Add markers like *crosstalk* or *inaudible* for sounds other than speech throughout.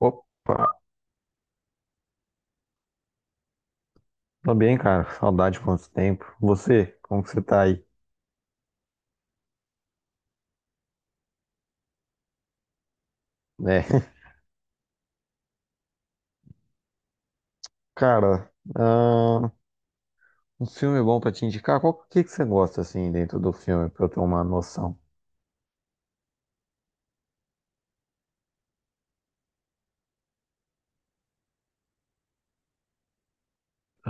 Opa, tá bem, cara? Saudade, quanto tempo. Você, como que você tá aí? Né? *laughs* Cara, um filme bom pra te indicar? Qual que você gosta, assim, dentro do filme, pra eu ter uma noção?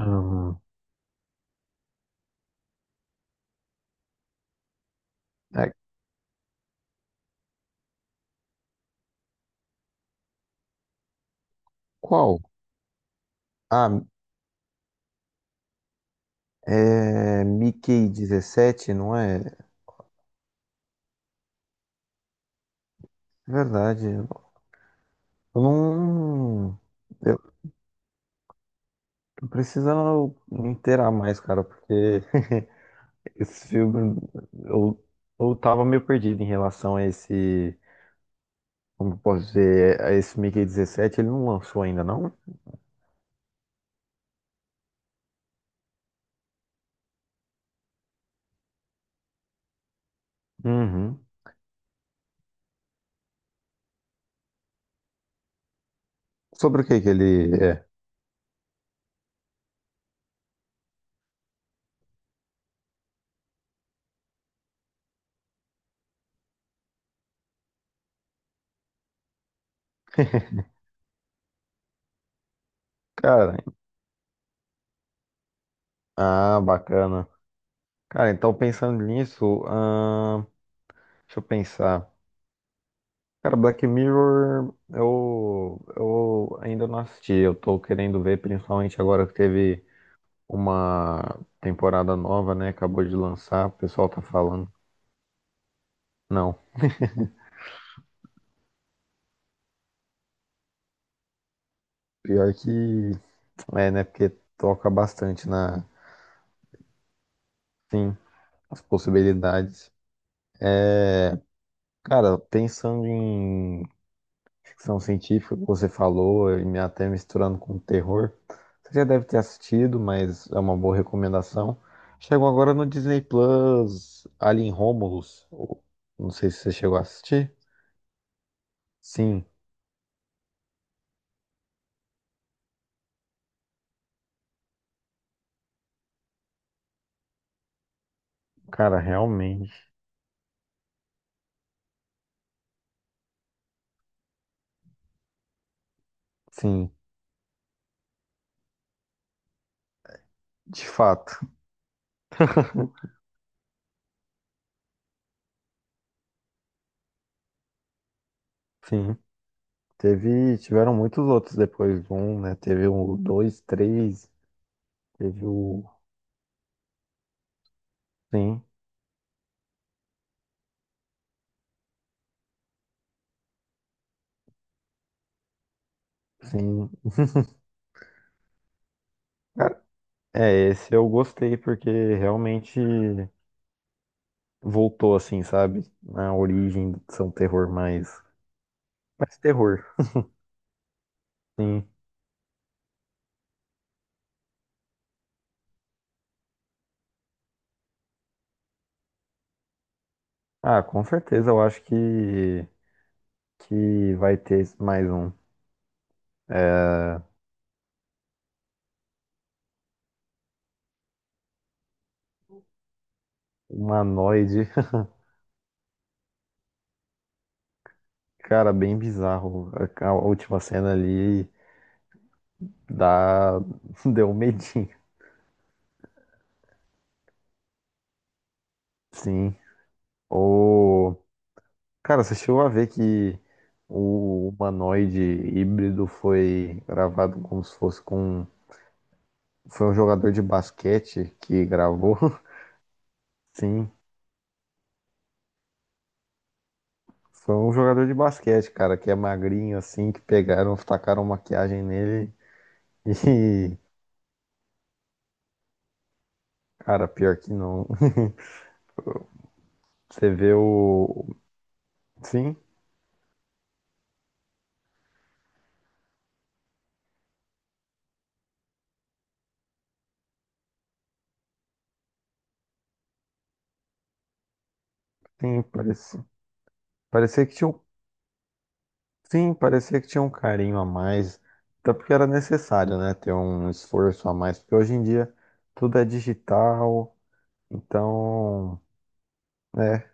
Ahn, é, qual? Ah, é Mickey 17, não é? É, verdade. Eu não... Eu tô precisando me inteirar mais, cara, porque *laughs* esse filme... Eu, eu tava meio perdido em relação a esse... Como posso dizer, esse Mickey 17, ele não lançou ainda, não? Uhum. Sobre o que que ele é? *laughs* Cara, ah, bacana. Cara, então, pensando nisso, deixa eu pensar. Cara, Black Mirror, eu ainda não assisti. Eu tô querendo ver, principalmente agora que teve uma temporada nova, né? Acabou de lançar, o pessoal tá falando. Não, pior que é, né? Porque toca bastante na, sim, as possibilidades. Cara, pensando em ficção científica, que você falou, e até misturando com terror, você já deve ter assistido, mas é uma boa recomendação. Chegou agora no Disney Plus, Alien Romulus. Não sei se você chegou a assistir. Sim, cara, realmente. Sim, de fato. *laughs* Sim. Teve, tiveram muitos outros depois do um, né? Teve o dois, três, teve o. Sim, sim. Cara, é, esse eu gostei, porque realmente. Voltou assim, sabe? Na origem de ser um terror mais, mais terror. Sim. Ah, com certeza, eu acho que vai ter mais um. É, humanoide, *laughs* cara, bem bizarro. A última cena ali dá *laughs* deu um medinho. Sim. O cara, você chegou a ver que o humanoide híbrido foi gravado como se fosse com foi um jogador de basquete que gravou. *laughs* Sim. Foi um jogador de basquete, cara, que é magrinho assim, que pegaram, tacaram maquiagem nele *laughs* e, cara, pior que não. *laughs* Você vê o. Sim, sim, parecia. Parecia que tinha um. Sim, parecia que tinha um carinho a mais. Até porque era necessário, né? Ter um esforço a mais. Porque hoje em dia tudo é digital. Então, é.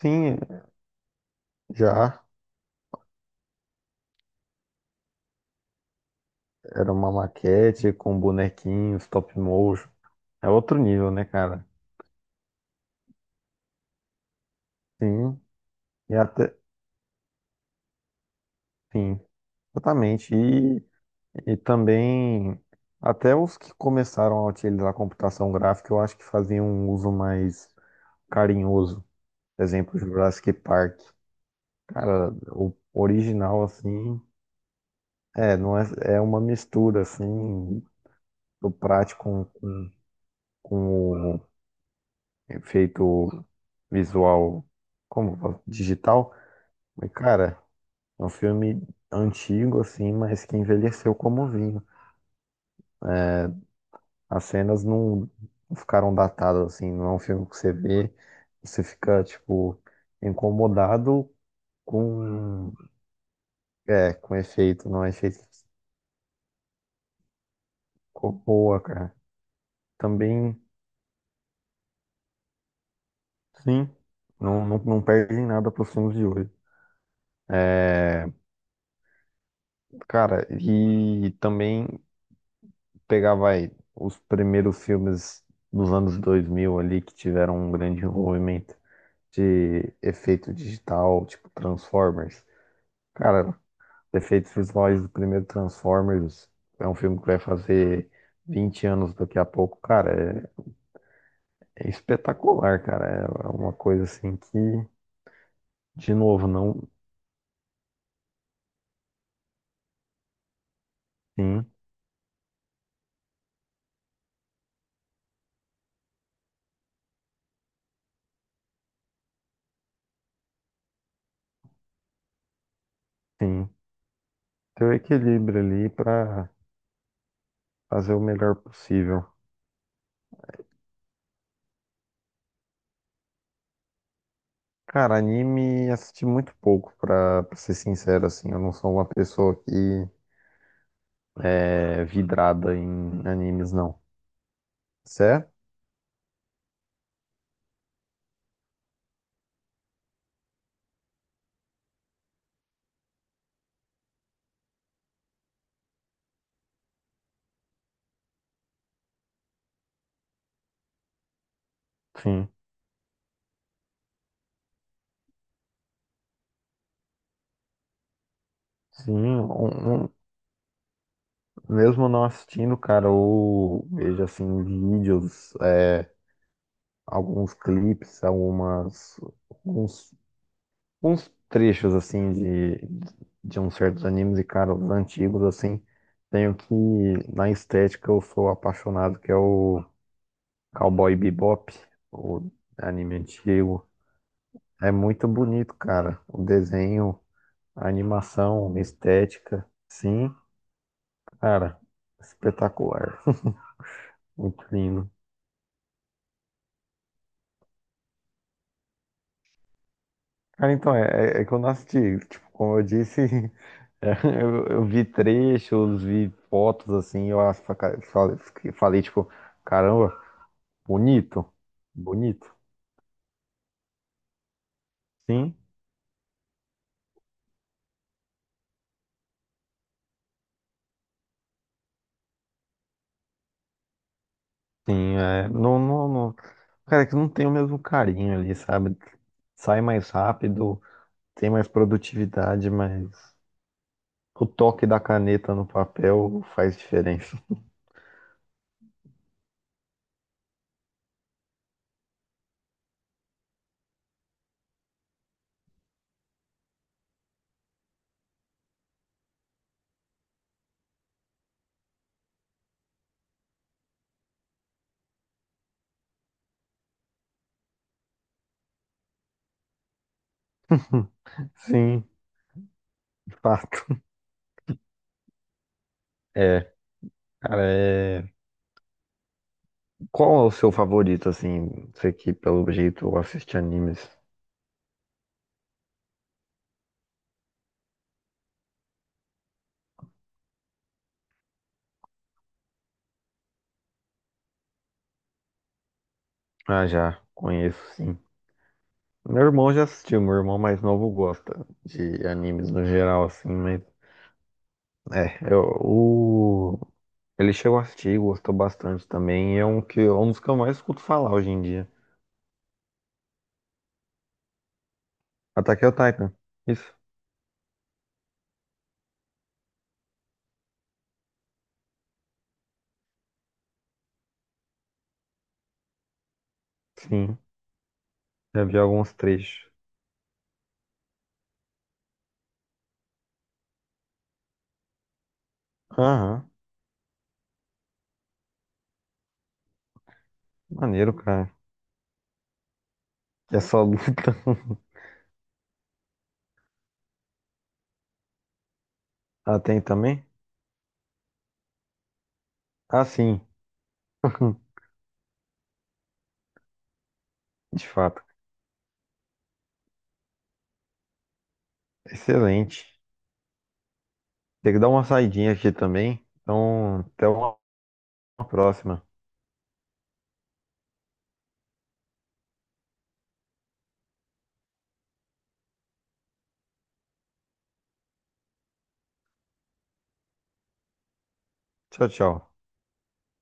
Sim, já. Era uma maquete com bonequinhos, stop motion. É outro nível, né, cara? Sim. E até. Sim, exatamente. E também, até os que começaram a utilizar a computação gráfica, eu acho que faziam um uso mais carinhoso. Por exemplo, Jurassic Park. Cara, o original, assim, é, não é, é uma mistura, assim, do prático com o efeito visual, como, fala? Digital. Mas, cara, é um filme antigo, assim, mas que envelheceu como vinho. As cenas não ficaram datadas, assim, não é um filme que você vê, você fica, tipo, incomodado com, com efeito, não é efeito que ficou boa, cara. Também, sim, não, não, não perdem nada pros filmes de hoje. É, cara, e também pegar, vai, os primeiros filmes dos anos 2000 ali, que tiveram um grande envolvimento de efeito digital, tipo Transformers. Cara, efeitos visuais do primeiro Transformers é um filme que vai fazer 20 anos daqui a pouco, cara. É espetacular, cara. É uma coisa assim que, de novo, não. Sim, sim. Ter o equilíbrio ali pra fazer o melhor possível. Cara, anime assisti muito pouco, pra ser sincero, assim. Eu não sou uma pessoa que é vidrada em animes, não. Certo? Sim. Sim, mesmo não assistindo, cara, eu vejo assim vídeos, alguns clipes, algumas, alguns, uns trechos assim de uns certos animes e, cara, os antigos assim. Tenho que, na estética, eu sou apaixonado, que é o Cowboy Bebop, o anime antigo. É muito bonito, cara. O desenho, a animação, a estética. Sim, cara, espetacular. Muito lindo. Cara, então, é que eu não assisti. Tipo, como eu disse, *laughs* é, eu vi trechos, vi fotos assim, eu acho, cara, falei, falei, tipo, caramba, bonito, bonito. Sim, sim, é, não, não, não. Cara, é que não tem o mesmo carinho ali, sabe? Sai mais rápido, tem mais produtividade, mas o toque da caneta no papel faz diferença. Sim, de fato. *laughs* É, cara, é. Qual é o seu favorito, assim? Você que, pelo jeito, assiste animes. Ah, já, conheço, sim. Meu irmão já assistiu, meu irmão mais novo gosta de animes no geral, assim, mas... É, eu, o... Ele chegou a assistir, gostou bastante também, e é um, é um dos que eu mais escuto falar hoje em dia. Attack on Titan, isso? Sim, já vi alguns trechos. Aham, maneiro, cara. É só luta. *laughs* Ah, tem também? Ah, sim, *laughs* de fato. Excelente. Tem que dar uma saidinha aqui também. Então, até uma próxima. Tchau, tchau.